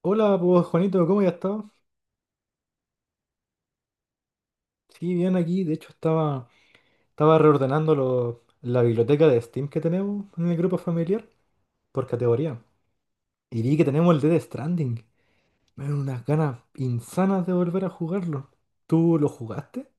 Hola, pues Juanito, ¿cómo ya estás? Sí, bien aquí. De hecho, estaba reordenando la biblioteca de Steam que tenemos en el grupo familiar por categoría. Y vi que tenemos el Dead Stranding. Me dan unas ganas insanas de volver a jugarlo. ¿Tú lo jugaste?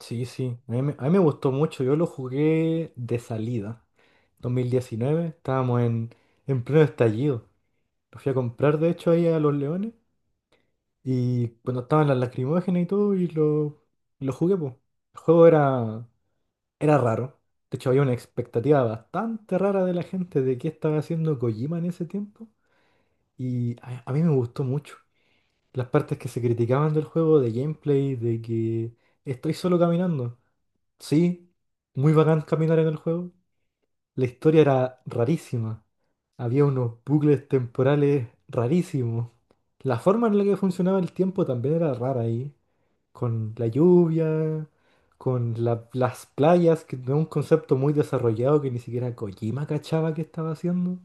Sí, sí. A mí me gustó mucho. Yo lo jugué de salida. 2019, estábamos en pleno estallido. Lo fui a comprar, de hecho, ahí a Los Leones. Y cuando estaban las lacrimógenas y todo, y lo jugué, pues. El juego era raro. De hecho, había una expectativa bastante rara de la gente de qué estaba haciendo Kojima en ese tiempo. Y a mí me gustó mucho. Las partes que se criticaban del juego, de gameplay, de que estoy solo caminando. Sí, muy bacán caminar en el juego. La historia era rarísima. Había unos bucles temporales rarísimos. La forma en la que funcionaba el tiempo también era rara ahí con la lluvia, con las playas, que no es un concepto muy desarrollado que ni siquiera Kojima cachaba que estaba haciendo.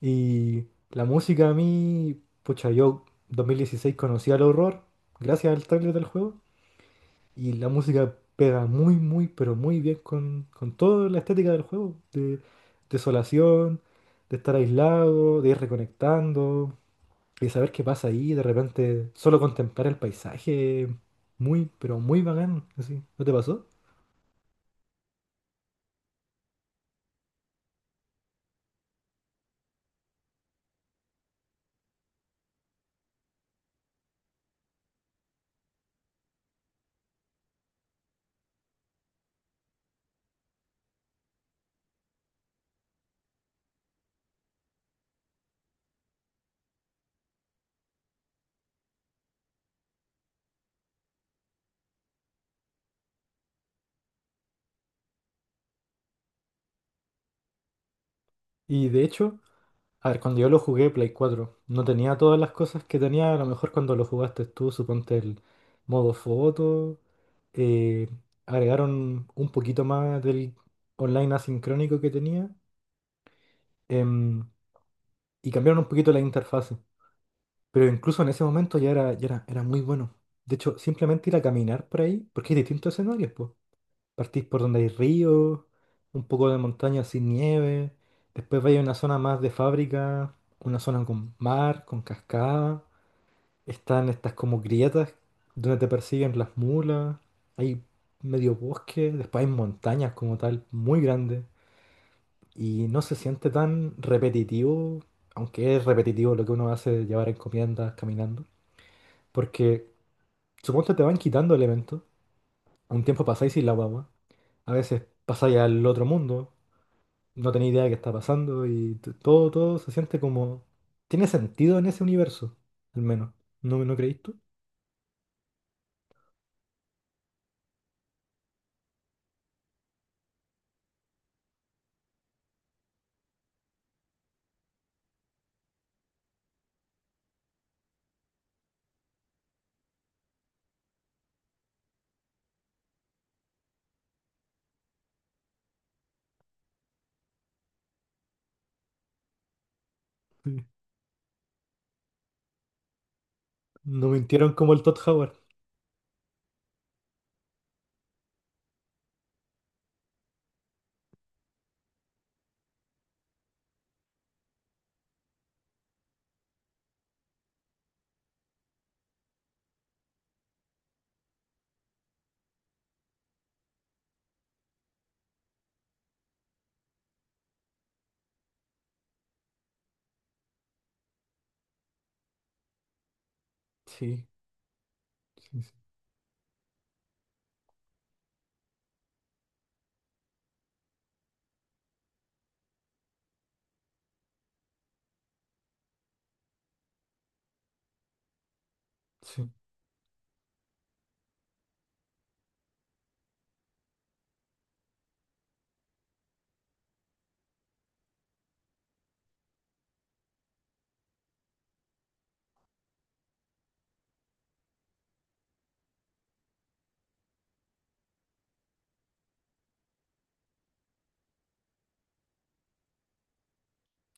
Y la música a mí, pucha, yo 2016 conocí al horror gracias al trailer del juego. Y la música pega muy, muy, pero muy bien con toda la estética del juego. De desolación, de estar aislado, de ir reconectando. Y saber qué pasa ahí, de repente, solo contemplar el paisaje, muy, pero muy bacán, así, ¿no te pasó? Y de hecho, a ver, cuando yo lo jugué Play 4 no tenía todas las cosas que tenía, a lo mejor cuando lo jugaste tú, suponte el modo foto, eh, agregaron un poquito más del online asincrónico que tenía, em, y cambiaron un poquito la interfase. Pero incluso en ese momento era muy bueno. De hecho, simplemente ir a caminar por ahí, porque hay distintos escenarios. Partís por donde hay río, un poco de montaña sin nieve. Después vais a una zona más de fábrica, una zona con mar, con cascada. Están estas como grietas donde te persiguen las mulas. Hay medio bosque, después hay montañas como tal, muy grandes. Y no se siente tan repetitivo, aunque es repetitivo lo que uno hace de llevar encomiendas caminando. Porque suponte te van quitando elementos. Un tiempo pasáis sin la guagua. A veces pasáis al otro mundo. No tenía idea de qué está pasando y todo se siente como... Tiene sentido en ese universo, al menos. ¿No creíste tú? Sí. No mintieron como el Todd Howard. Sí, sí, sí. Sí.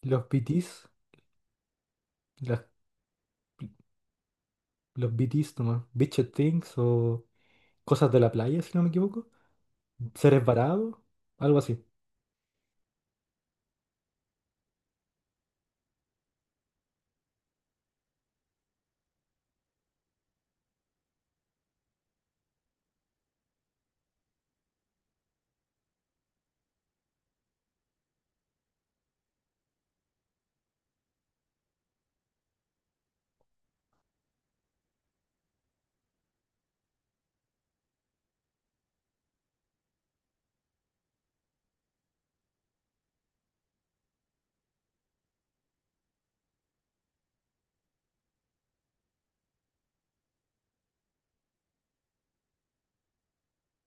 Los BTs, las- los BTs nomás, Bitched Things o cosas de la playa, si no me equivoco. Seres varados, algo así.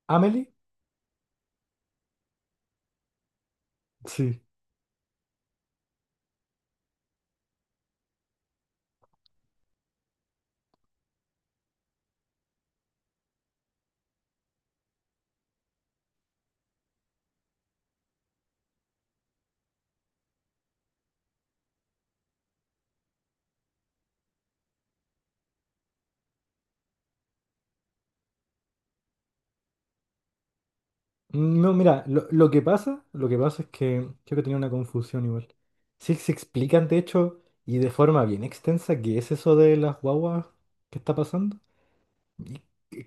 Amelie, sí. No, mira, lo que pasa es que creo que tenía una confusión igual. Sí, se explican de hecho y de forma bien extensa qué es eso de las guaguas que está pasando. Y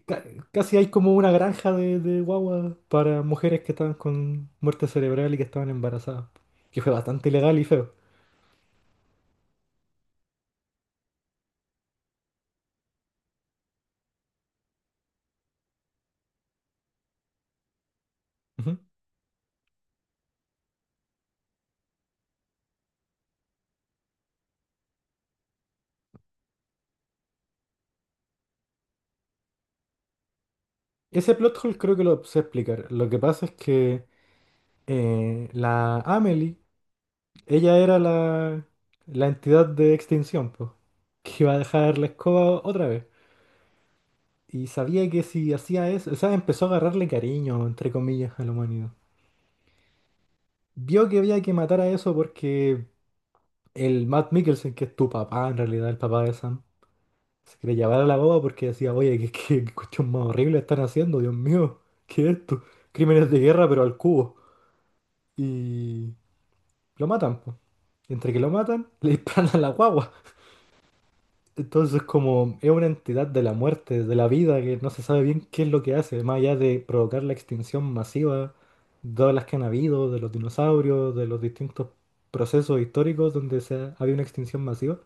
ca- casi hay como una granja de guaguas para mujeres que estaban con muerte cerebral y que estaban embarazadas, que fue bastante ilegal y feo. Ujú. Ese plot hole creo que lo sé explicar. Lo que pasa es que la Amelie, ella era la entidad de extinción, pues, que iba a dejar la escoba otra vez. Y sabía que si hacía eso, o sea, empezó a agarrarle cariño, entre comillas, a la humanidad. Vio que había que matar a eso porque el Matt Mikkelsen, que es tu papá, en realidad, el papá de Sam, se quería llevar a la boba porque decía, oye, qué cuestión más horrible están haciendo, Dios mío, ¿qué es esto? Crímenes de guerra, pero al cubo. Y lo matan, pues. Entre que lo matan, le disparan a la guagua. Entonces, como es una entidad de la muerte, de la vida, que no se sabe bien qué es lo que hace, más allá de provocar la extinción masiva de todas las que han habido, de los dinosaurios, de los distintos procesos históricos donde había una extinción masiva,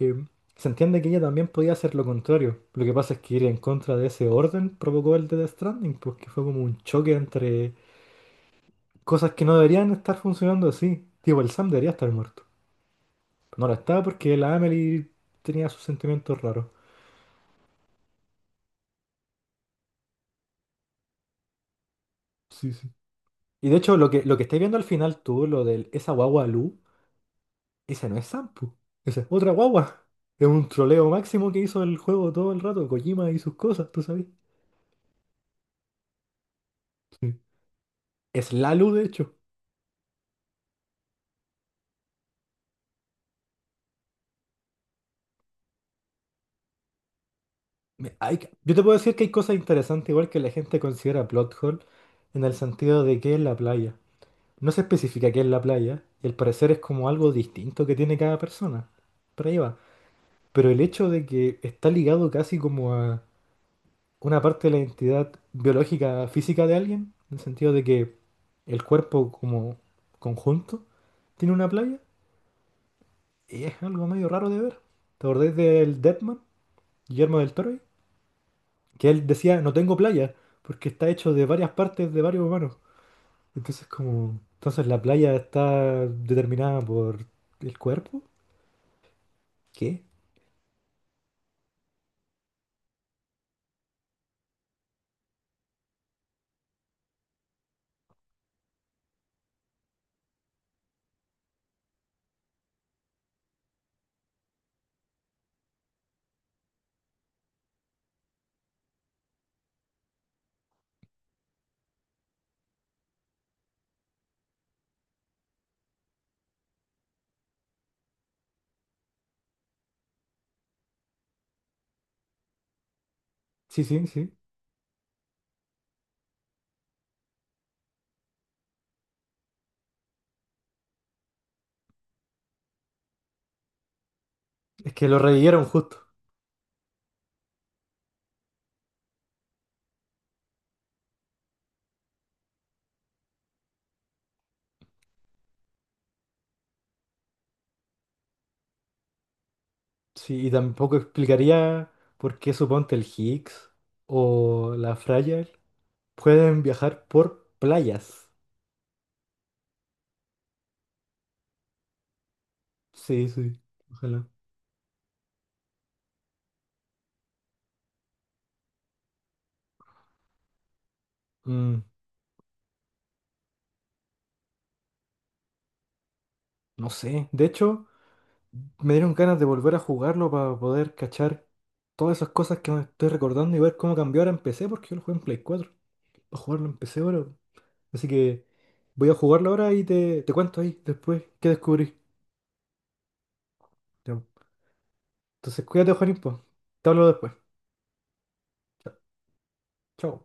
eh, se entiende que ella también podía hacer lo contrario. Lo que pasa es que ir en contra de ese orden provocó el de Death Stranding, porque fue como un choque entre cosas que no deberían estar funcionando así. Tipo, el Sam debería estar muerto. No lo estaba porque la Amelie tenía sus sentimientos raros. Sí, sí. Y de hecho, lo que estáis viendo al final tú, lo del esa guagua Lu, ese no es Sampu, esa es otra guagua. Es un troleo máximo que hizo el juego todo el rato, Kojima y sus cosas, tú sabes. Sí. Es la Lu, de hecho. Yo te puedo decir que hay cosas interesantes, igual que la gente considera plot hole, en el sentido de que es la playa. No se especifica qué es la playa, y al parecer es como algo distinto que tiene cada persona. Por ahí va. Pero el hecho de que está ligado casi como una parte de la identidad biológica, física de alguien, en el sentido de que el cuerpo como conjunto tiene una playa, y es algo medio raro de ver. ¿Te acordás del Deadman, Guillermo del Toro? Que él decía, no tengo playa, porque está hecho de varias partes de varios humanos. Entonces la playa está determinada por el cuerpo. ¿Qué? Sí, sí, sí. Es que lo revivieron justo. Sí, y tampoco explicaría por qué suponte el Higgs o la Fragile pueden viajar por playas. Sí, sí, ojalá. Mm, no sé. De hecho, me dieron ganas de volver a jugarlo para poder cachar todas esas cosas que me estoy recordando y ver cómo cambió ahora en PC, porque yo lo jugué en Play 4. Para jugarlo en PC ahora. Así que voy a jugarlo ahora y te cuento ahí después qué descubrí. Ya, pues. Entonces, cuídate, Juanín, po. Te hablo después. Chao. Chao.